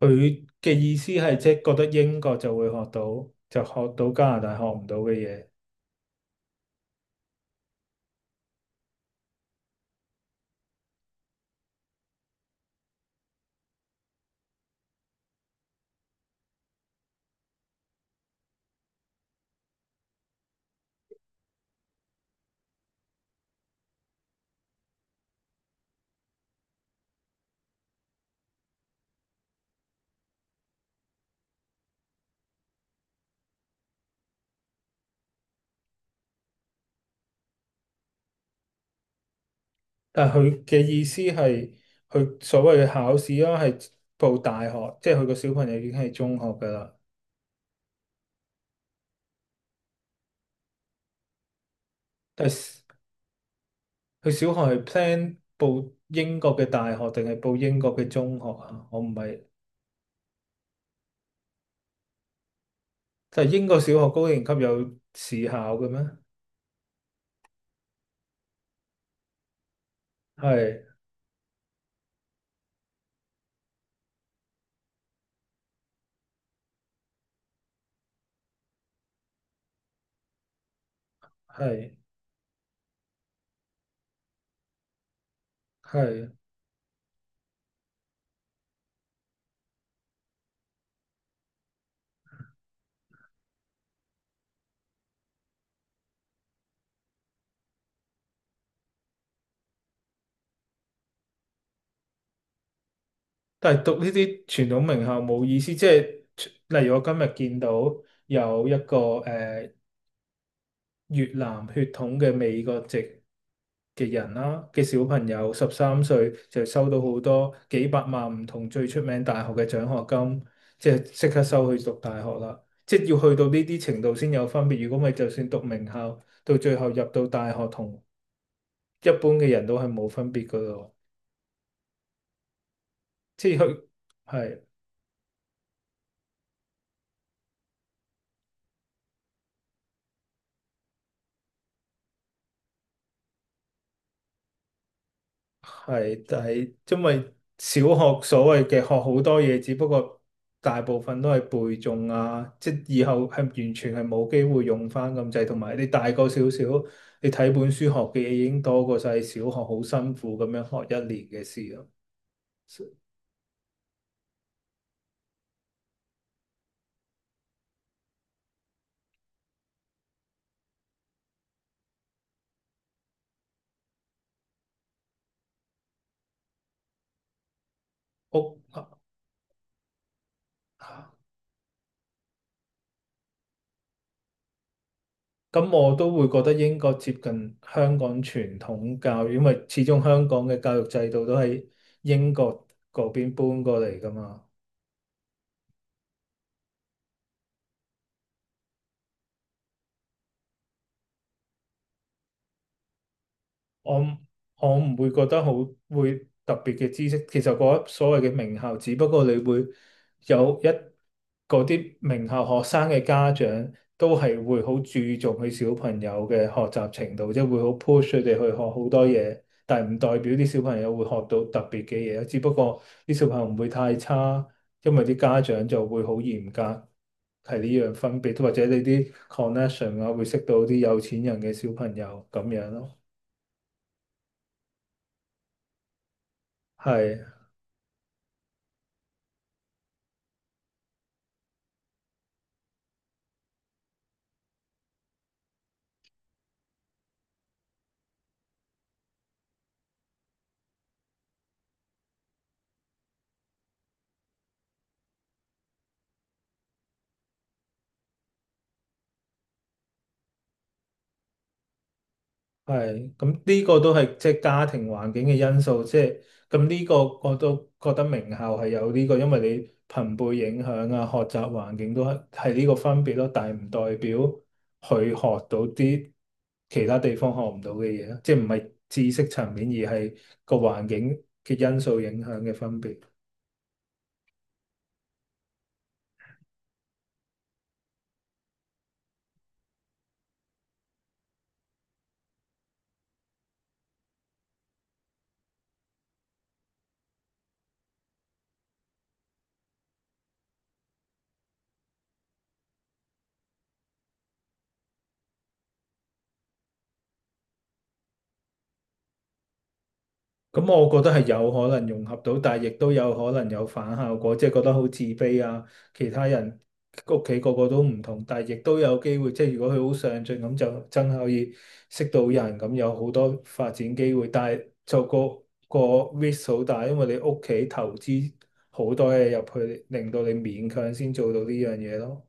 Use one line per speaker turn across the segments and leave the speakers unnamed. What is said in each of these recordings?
佢嘅意思係即係覺得英國就會學到，就學到加拿大學唔到嘅嘢。但係佢嘅意思係佢所謂嘅考試啦，係報大學，即係佢個小朋友已經係中學㗎啦。但係佢小學係 plan 報英國嘅大學定係報英國嘅中學啊？我唔係，但係英國小學高年級有試考嘅咩？係係係。但係讀呢啲傳統名校冇意思，即係例如我今日見到有一個越南血統嘅美國籍嘅人啦嘅小朋友，13歲就收到好多幾百萬唔同最出名大學嘅獎學金，即係即刻收去讀大學啦。即係要去到呢啲程度先有分別，如果咪就算讀名校，到最後入到大學同一般嘅人都係冇分別噶咯。即係佢係。係，但係因為小學所謂嘅學好多嘢，只不過大部分都係背誦啊，即係以後係完全係冇機會用翻咁滯，同埋你大個少少，你睇本書學嘅嘢已經多過晒小學好辛苦咁樣學一年嘅事咯。我咁我都會覺得英國接近香港傳統教育，因為始終香港嘅教育制度都係英國嗰邊搬過嚟噶嘛。我我唔會覺得會特別嘅知識，其實嗰所謂嘅名校，只不過你會有一嗰啲名校學生嘅家長都係會好注重佢小朋友嘅學習程度，即係會好 push 佢哋去學好多嘢，但係唔代表啲小朋友會學到特別嘅嘢，只不過啲小朋友唔會太差，因為啲家長就會好嚴格。係呢樣分別，或者你啲 connection 啊，會識到啲有錢人嘅小朋友咁樣咯，係。係，咁呢個都係即係家庭環境嘅因素，即係咁呢個我都覺得名校係有呢個，因為你朋輩影響啊，學習環境都係係呢個分別咯，但係唔代表佢學到啲其他地方學唔到嘅嘢，即係唔係知識層面，而係個環境嘅因素影響嘅分別。咁我覺得係有可能融合到，但係亦都有可能有反效果，即係覺得好自卑啊。其他人屋企個個都唔同，但係亦都有機會，即係如果佢好上進咁，就真係可以識到人，咁有好多發展機會。但係就個 risk 好大，因為你屋企投資好多嘢入去，令到你勉強先做到呢樣嘢咯。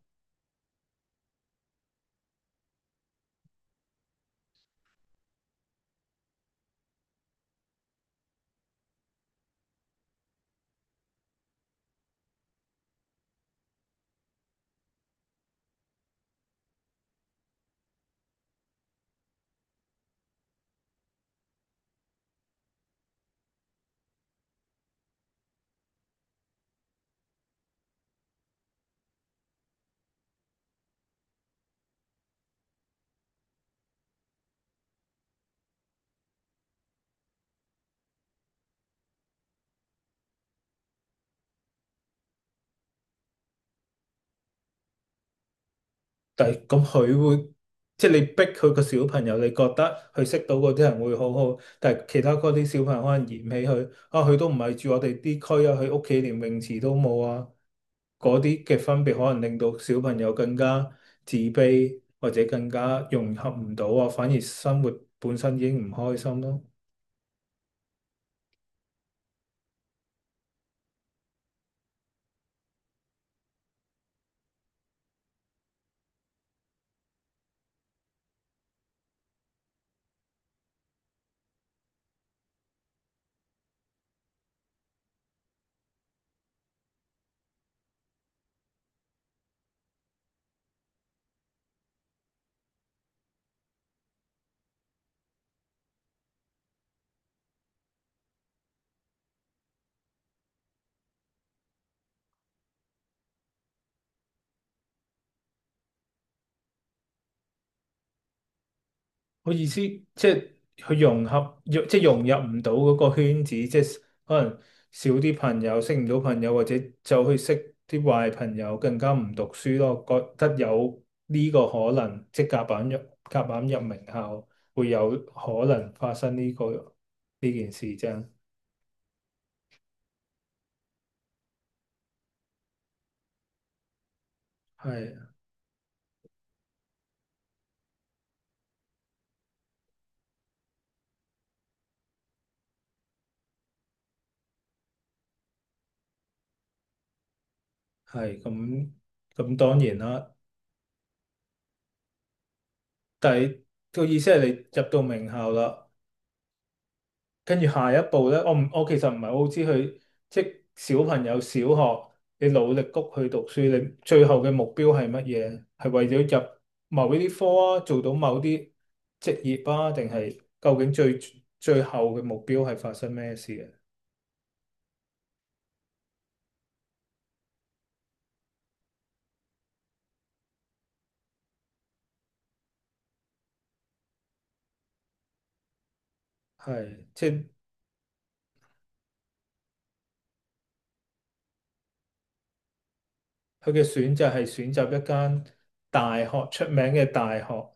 但係咁佢會，即係你逼佢個小朋友，你覺得佢識到嗰啲人會好好，但係其他嗰啲小朋友可能嫌棄佢，啊佢都唔係住我哋啲區啊，佢屋企連泳池都冇啊，嗰啲嘅分別可能令到小朋友更加自卑，或者更加融合唔到啊，反而生活本身已經唔開心咯。我意思即係佢融合，即係融入唔到嗰個圈子，即係可能少啲朋友，識唔到朋友，或者就去識啲壞朋友，更加唔讀書咯。覺得有呢個可能，即係夾硬入名校，會有可能發生呢件事啫。係係咁當然啦，但係個意思係你入到名校啦。跟住下一步咧，我其實唔係好知佢，即係小朋友小學你努力谷去讀書，你最後嘅目標係乜嘢？係為咗入某一啲科啊，做到某啲職業啊，定係究竟最後嘅目標係發生咩事嘅？係即係佢嘅選擇係選擇一間大學出名嘅大學，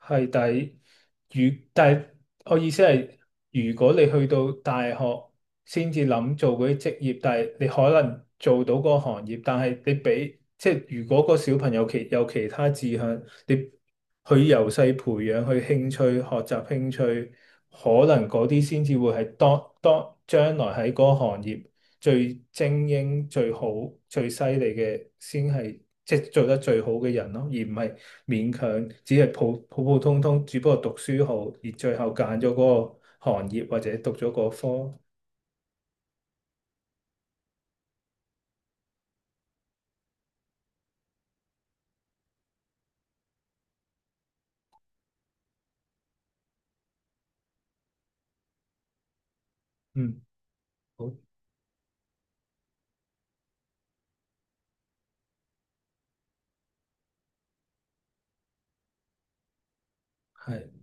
係，但係但係我意思係，如果你去到大學先至諗做嗰啲職業，但係你可能做到嗰個行業，但係你俾即係如果個小朋友其有其他志向，你去由細培養去興趣、學習興趣，可能嗰啲先至會係當將來喺嗰個行業最精英、最好、最犀利嘅，先係即係做得最好嘅人咯，而唔系勉强，只系普普通通，只不过读书好，而最后拣咗嗰個行业或者读咗嗰科。嗯，好，系。